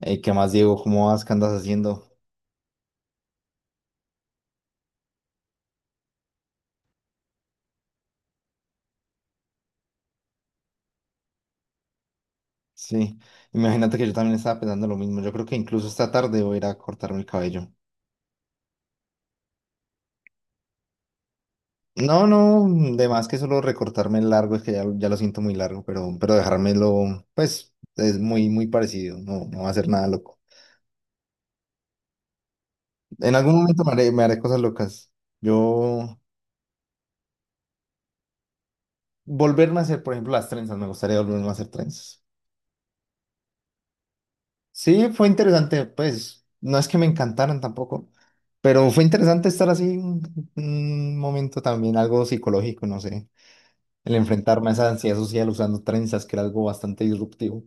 Ey, ¿qué más, Diego? ¿Cómo vas? ¿Qué andas haciendo? Sí, imagínate que yo también estaba pensando lo mismo. Yo creo que incluso esta tarde voy a ir a cortarme el cabello. No, no, de más que solo recortarme el largo, es que ya lo siento muy largo, pero dejármelo, pues, es muy, muy parecido. No, no va a ser nada loco. En algún momento me haré cosas locas. Yo, volverme a hacer, por ejemplo, las trenzas, me gustaría volverme a hacer trenzas. Sí, fue interesante, pues no es que me encantaran tampoco, pero fue interesante estar así un momento también, algo psicológico, no sé, el enfrentarme a esa ansiedad social usando trenzas, que era algo bastante disruptivo.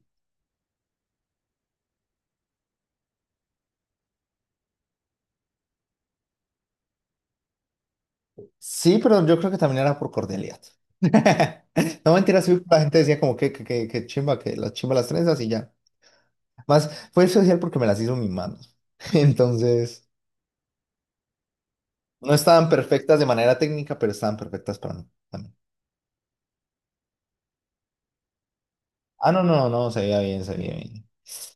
Sí, pero yo creo que también era por cordialidad. No mentira, sí, la gente decía como que chimba, que las chimba las trenzas y ya. Más fue social porque me las hizo mis manos. Entonces, no estaban perfectas de manera técnica, pero estaban perfectas para mí también. Ah, no, no, no, se veía bien, se veía bien.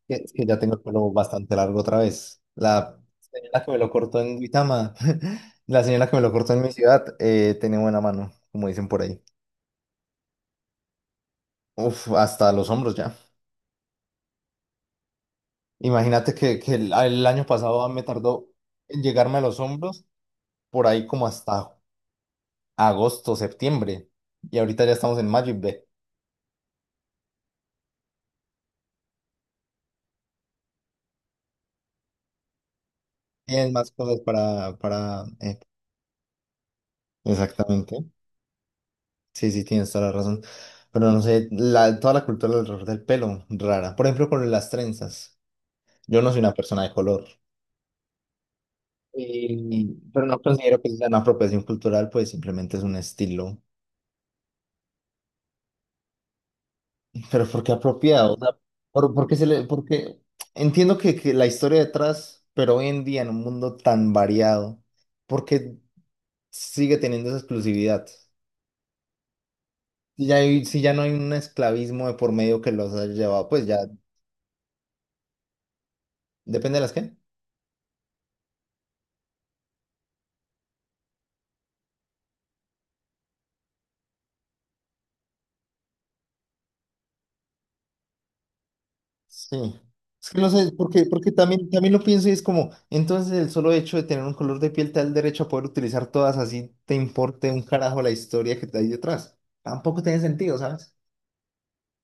Es que ya tengo el pelo bastante largo otra vez. La señora que me lo cortó en Duitama, la señora que me lo cortó en mi ciudad, tenía buena mano, como dicen por ahí. Uf, hasta los hombros ya. Imagínate que el año pasado me tardó en llegarme a los hombros por ahí como hasta agosto, septiembre. Y ahorita ya estamos en mayo y ve. Tienes más cosas exactamente. Sí, sí, tienes toda la razón. Pero no sé, toda la cultura alrededor del pelo, rara. Por ejemplo, con las trenzas. Yo no soy una persona de color, pero no considero que sea una apropiación cultural, pues simplemente es un estilo. Pero ¿por qué apropiado? O sea, porque entiendo que la historia detrás, pero hoy en día en un mundo tan variado, ¿por qué sigue teniendo esa exclusividad? Si ya no hay un esclavismo de por medio que los haya llevado, pues ya depende de las que. Sí. Es que no sé, porque también lo pienso y es como, entonces el solo hecho de tener un color de piel te da el derecho a poder utilizar todas así, te importe un carajo la historia que hay detrás. Tampoco tiene sentido, ¿sabes?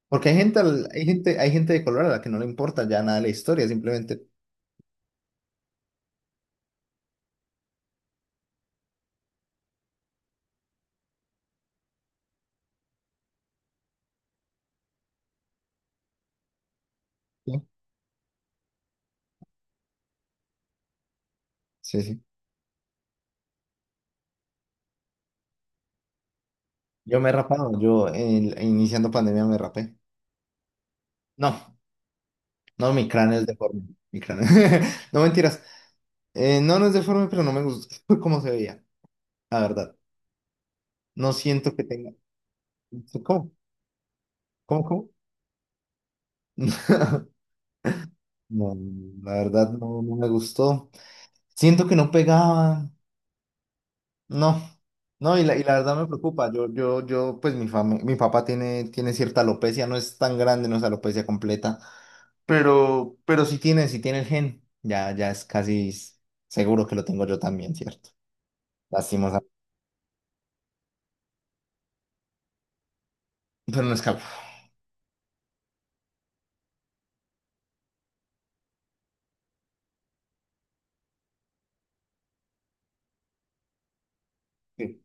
Porque hay gente, al- hay gente de color a la que no le importa ya nada la historia, simplemente. Sí, sí, sí. Yo me he rapado, iniciando pandemia me rapé. No, no, mi cráneo es deforme. Mi cráneo. No mentiras. No, no es deforme, pero no me gusta cómo se veía, la verdad. No siento que tenga. ¿Cómo? ¿Cómo, cómo? No, la verdad no, no me gustó. Siento que no pegaba. No, no, y la verdad me preocupa. Yo, pues mi papá tiene cierta alopecia, no es tan grande, no es alopecia completa, pero sí tiene el gen. Ya es casi seguro que lo tengo yo también, ¿cierto? Lastimosa. Pero no escapa. Sí,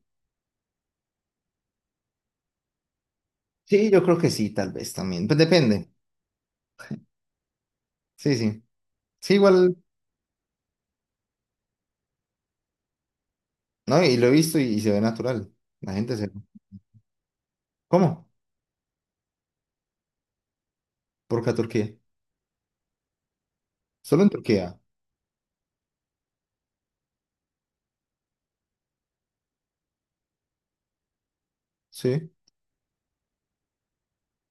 sí, yo creo que sí, tal vez también. Pues depende. Sí, sí. Sí, igual, ¿no? Y lo he visto y se ve natural. La gente se. ¿Cómo? Porque a Turquía. Solo en Turquía. Sí.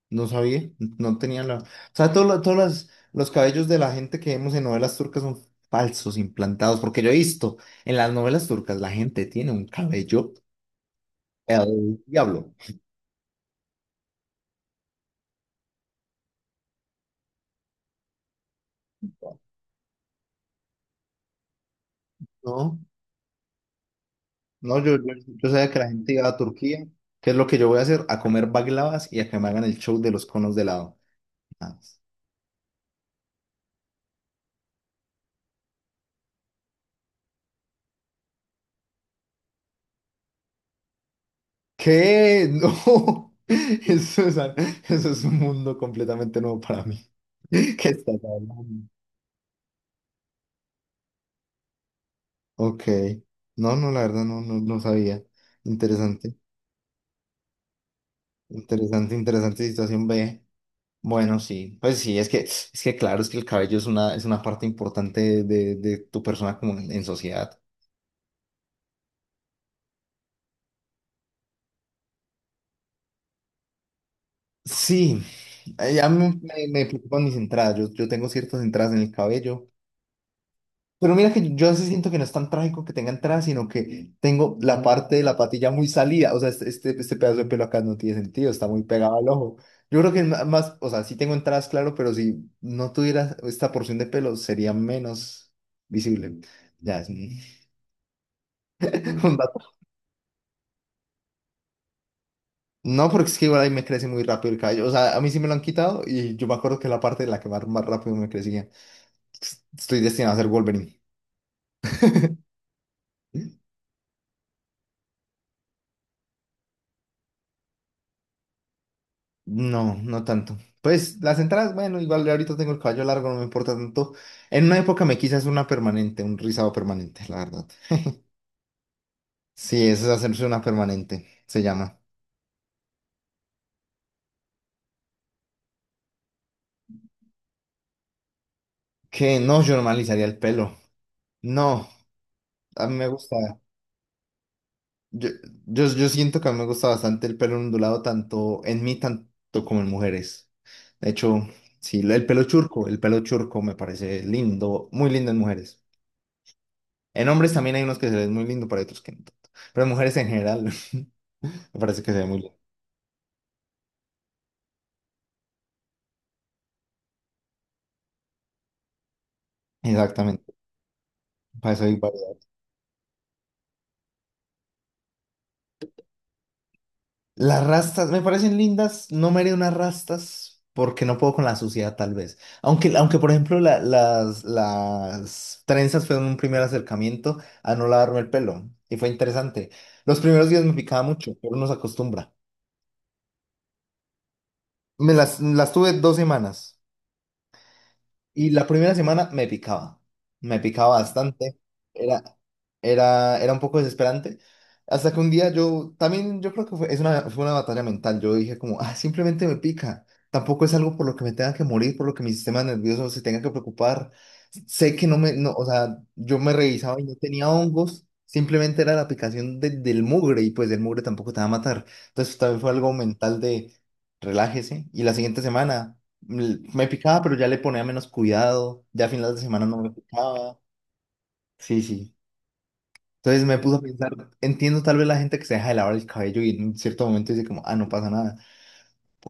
No sabía. No tenía la. O sea, todos los cabellos de la gente que vemos en novelas turcas son falsos, implantados. Porque yo he visto en las novelas turcas la gente tiene un cabello. El diablo. No, no, yo sabía que la gente iba a Turquía. ¿Qué es lo que yo voy a hacer? A comer baglavas y a que me hagan el show de los conos de helado. Nada más. ¿Qué? No. Eso es un mundo completamente nuevo para mí. ¿Qué estás hablando? Ok. No, no, la verdad no sabía. Interesante, interesante, interesante situación B. Bueno, sí, pues sí, es que, claro, es que el cabello es una parte importante de tu persona como en sociedad. Sí, ya me preocupan mis entradas. Yo tengo ciertas entradas en el cabello. Pero mira que yo sí siento que no es tan trágico que tenga entrada, sino que tengo la parte de la patilla muy salida. O sea, este pedazo de pelo acá no tiene sentido, está muy pegado al ojo. Yo creo que más, o sea, sí tengo entradas, claro, pero si no tuviera esta porción de pelo, sería menos visible. Ya es un un dato. No, porque es que igual ahí me crece muy rápido el cabello. O sea, a mí sí me lo han quitado y yo me acuerdo que la parte de la que más rápido me crecía. Estoy destinado a ser Wolverine. No, no tanto. Pues las entradas, bueno, igual ahorita tengo el caballo largo, no me importa tanto. En una época me quise hacer una permanente, un rizado permanente, la verdad. Sí, eso es hacerse una permanente, se llama. Que no, yo normalizaría el pelo. No, a mí me gusta. Yo, yo siento que a mí me gusta bastante el pelo ondulado, tanto en mí, tanto como en mujeres. De hecho, sí, el pelo churco me parece lindo, muy lindo en mujeres. En hombres también hay unos que se ven muy lindo, pero hay otros que no tanto. Pero en mujeres en general, me parece que se ve muy lindo. Exactamente, para eso hay variedad. Las rastas me parecen lindas, no me haré unas rastas porque no puedo con la suciedad tal vez. Aunque por ejemplo, las trenzas fueron un primer acercamiento a no lavarme el pelo y fue interesante. Los primeros días me picaba mucho, pero uno se acostumbra. Me las tuve 2 semanas. Y la primera semana me picaba bastante, era, era un poco desesperante, hasta que un día también yo creo que fue, fue una batalla mental, yo dije como, ah, simplemente me pica, tampoco es algo por lo que me tenga que morir, por lo que mi sistema nervioso se tenga que preocupar, sé que no o sea, yo me revisaba y no tenía hongos, simplemente era la picación del mugre y pues el mugre tampoco te va a matar, entonces también fue algo mental de relájese. Y la siguiente semana me picaba, pero ya le ponía menos cuidado. Ya a finales de semana no me picaba. Sí, sí. Entonces me puso a pensar, entiendo tal vez la gente que se deja de lavar el cabello y en un cierto momento dice como, ah, no pasa nada.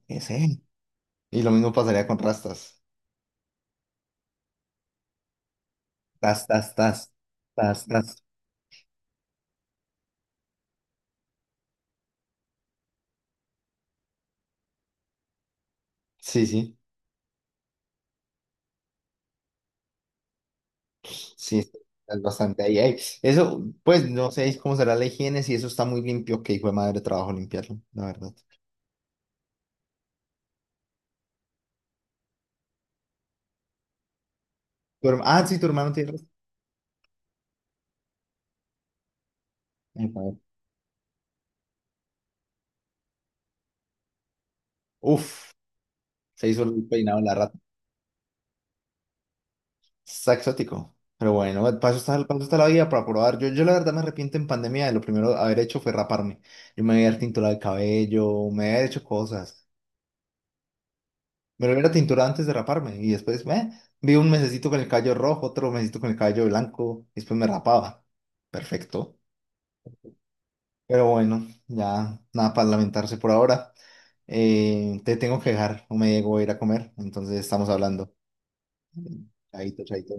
¿Qué sé? Y lo mismo pasaría con rastas. Tas, tas, tas. Tas, tas. Sí, sí. Sí, es bastante ahí, ahí. Eso, pues no sé cómo será la higiene, si eso está muy limpio, que hijo de madre trabajo limpiarlo, la verdad. Ah, sí, tu hermano tiene rastas. Ay, uf, se hizo el peinado en la rata. Está exótico. Pero bueno, paso está la vida para probar. Yo la verdad me arrepiento en pandemia de lo primero que haber hecho fue raparme. Yo me había tinturado el cabello, me había hecho cosas. Me lo hubiera tinturado antes de raparme y después me vi un mesecito con el cabello rojo, otro mesecito con el cabello blanco y después me rapaba. Perfecto. Pero bueno, ya nada para lamentarse por ahora. Te tengo que dejar, no me llego a ir a comer, entonces estamos hablando. Chaito, chaito.